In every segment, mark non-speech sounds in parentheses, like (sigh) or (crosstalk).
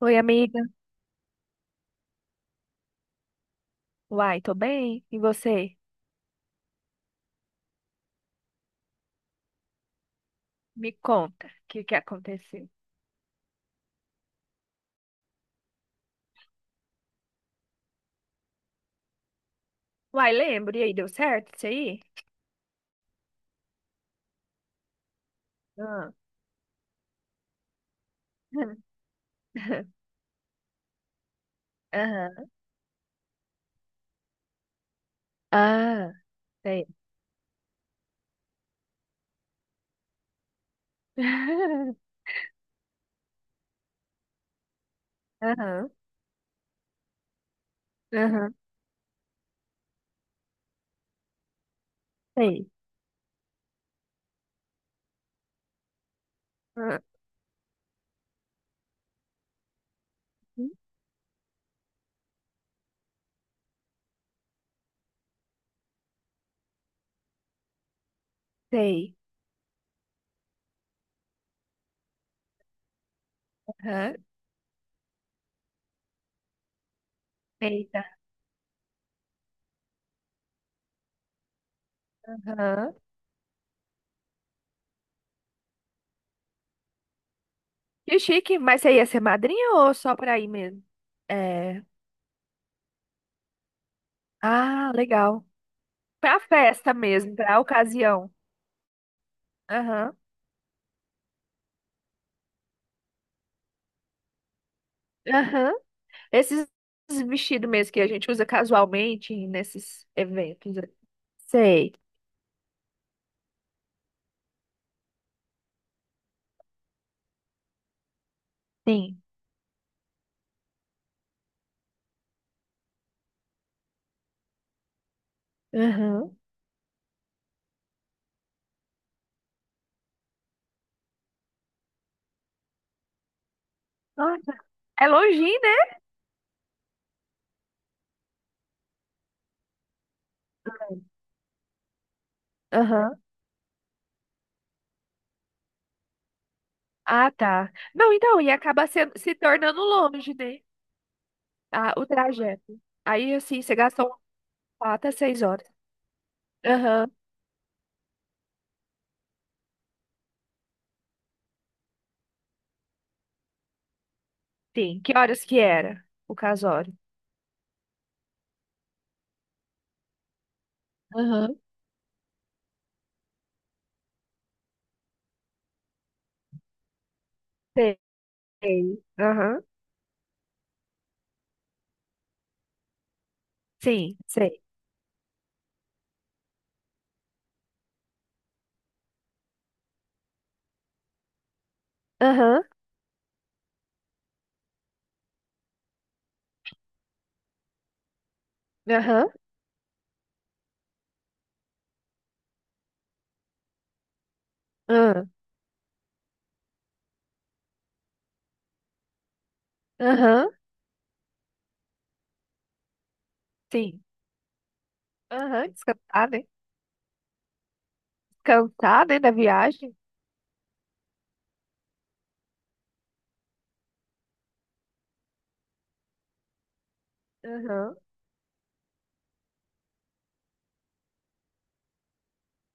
Oi, amiga. Uai, tô bem. E você? Me conta, o que que aconteceu? Uai, lembro. E aí, deu certo isso aí? Ah. (laughs) Aham. Ah, sei. (laughs) Aham, aham, sei. Ah, sei. Aham, eita. Aham. Que chique, mas você ia ser madrinha ou só pra ir mesmo? É. Ah, legal. Pra festa mesmo, pra ocasião. Aham, aham. Esses vestidos mesmo que a gente usa casualmente nesses eventos. Sei, sim. Aham. Nossa, é longinho, né? Aham. Ah, tá. Não, então, e acaba se, se tornando longe, né? Ah, o trajeto. Aí, assim, você gastou quatro a seis horas. Aham, sim. Que horas que era o casório? Aham. Sei. Aham, sim, sei. Aham, aham, aham, aham, sim. Aham, descansar, né? Cansada, né da viagem? Aham,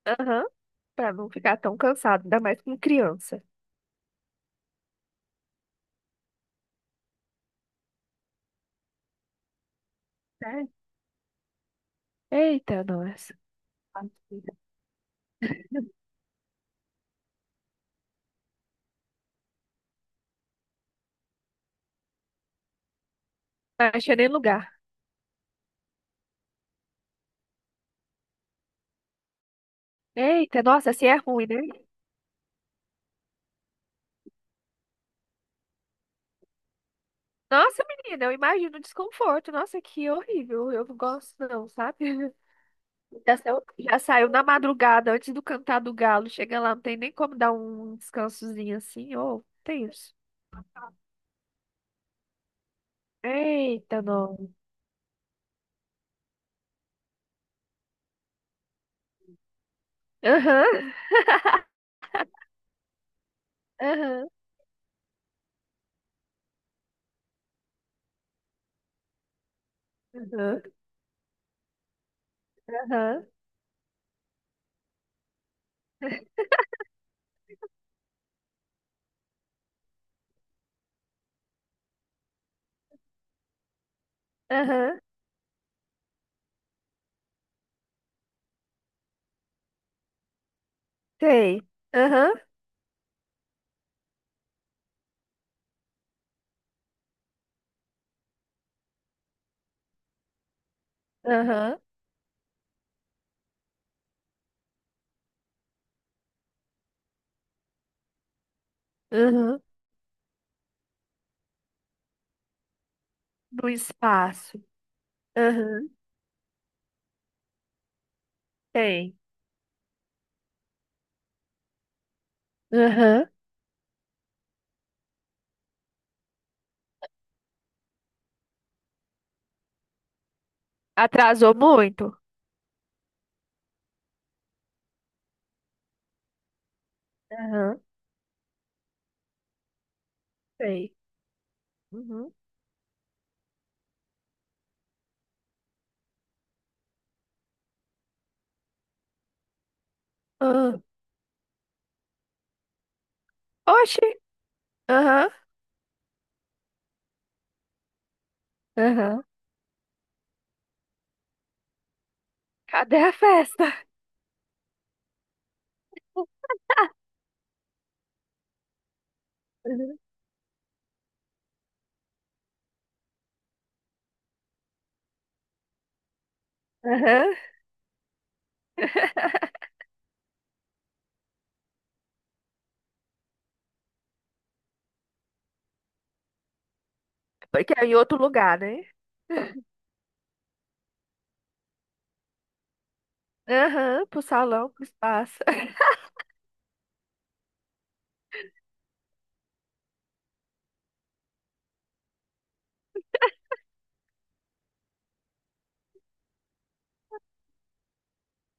aham, pra não ficar tão cansado, ainda mais com criança. Né? Eita, nossa. Não achei nem lugar. Eita, nossa, assim é ruim, né? Nossa, menina, eu imagino o desconforto. Nossa, que horrível. Eu não gosto, não, sabe? (laughs) Já saiu na madrugada, antes do cantar do galo. Chega lá, não tem nem como dar um descansozinho assim. Ô, tem isso. Eita, não. Aham, aham, aham, aham, aham. Sei. Aham, aham, aham. Do espaço. Aham, tem, aham. Atrasou muito? Aham, tem, uhum. Ah. Oxi. Aham, aham. Cadê a festa? Aham. Aham. (laughs) Porque é em outro lugar, né? Aham, pro salão, pro espaço. (laughs)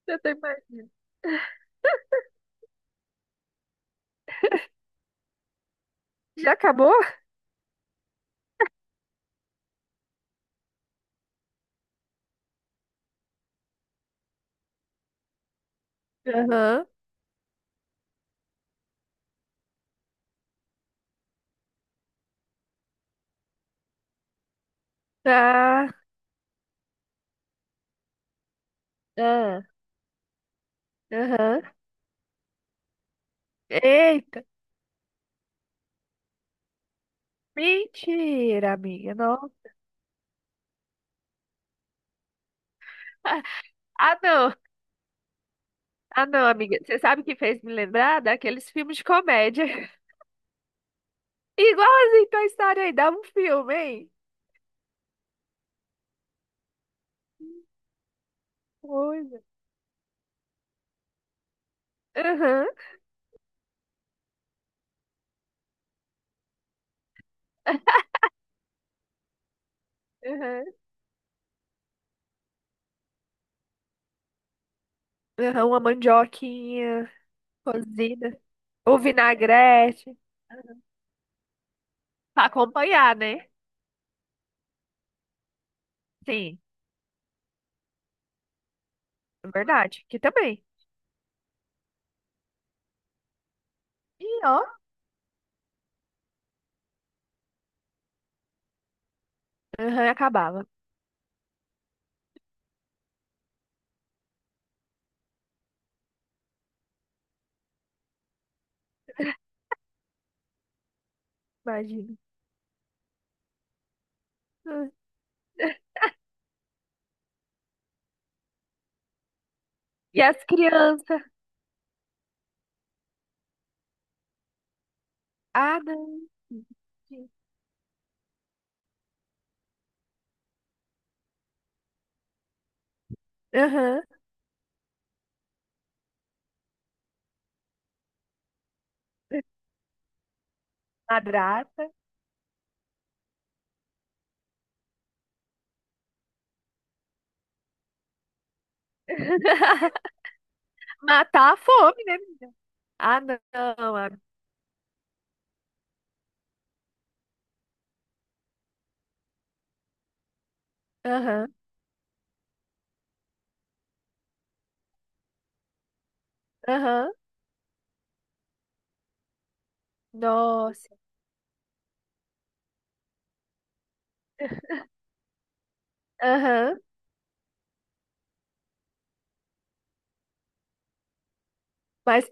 Eu tô imaginando. Já acabou? Aham. Tá. Ah, aham. Eita. Mentira, amiga. Não. (laughs) Ah, não. Ah, não, amiga. Você sabe o que fez me lembrar daqueles filmes de comédia. (laughs) Igualzinho Toy Story aí, dava um filme, hein? Coisa. Aham, aham. Aham, uma mandioquinha cozida. Ou vinagrete. Pra acompanhar, né? Sim, é verdade. Que também. E ó, aham, acabava. Imagina. Ah. E as crianças? Ah, não. Aham. Madrasta. (laughs) Matar a fome, né? Ah, não. Ah, aham, aham. Nossa. Aham. Mas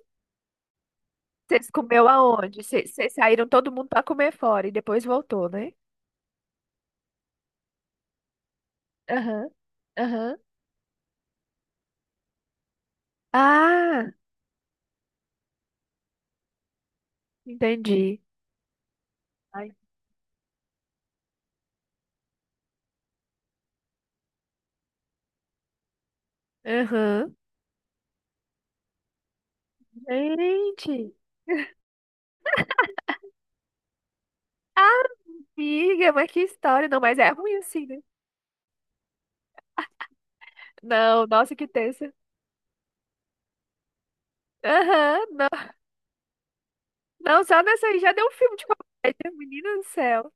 vocês comeu aonde? Vocês saíram todo mundo pra comer fora e depois voltou, né? Aham, aham. Ah, entendi. Ai. Aham. Gente. Amiga, mas que história. Não, mas é ruim assim, né? Não, nossa, que tensa. Aham, não. Não, só nessa aí já deu um filme de comédia, menina do céu.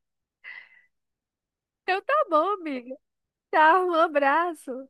Então tá bom, amiga. Tá, um abraço.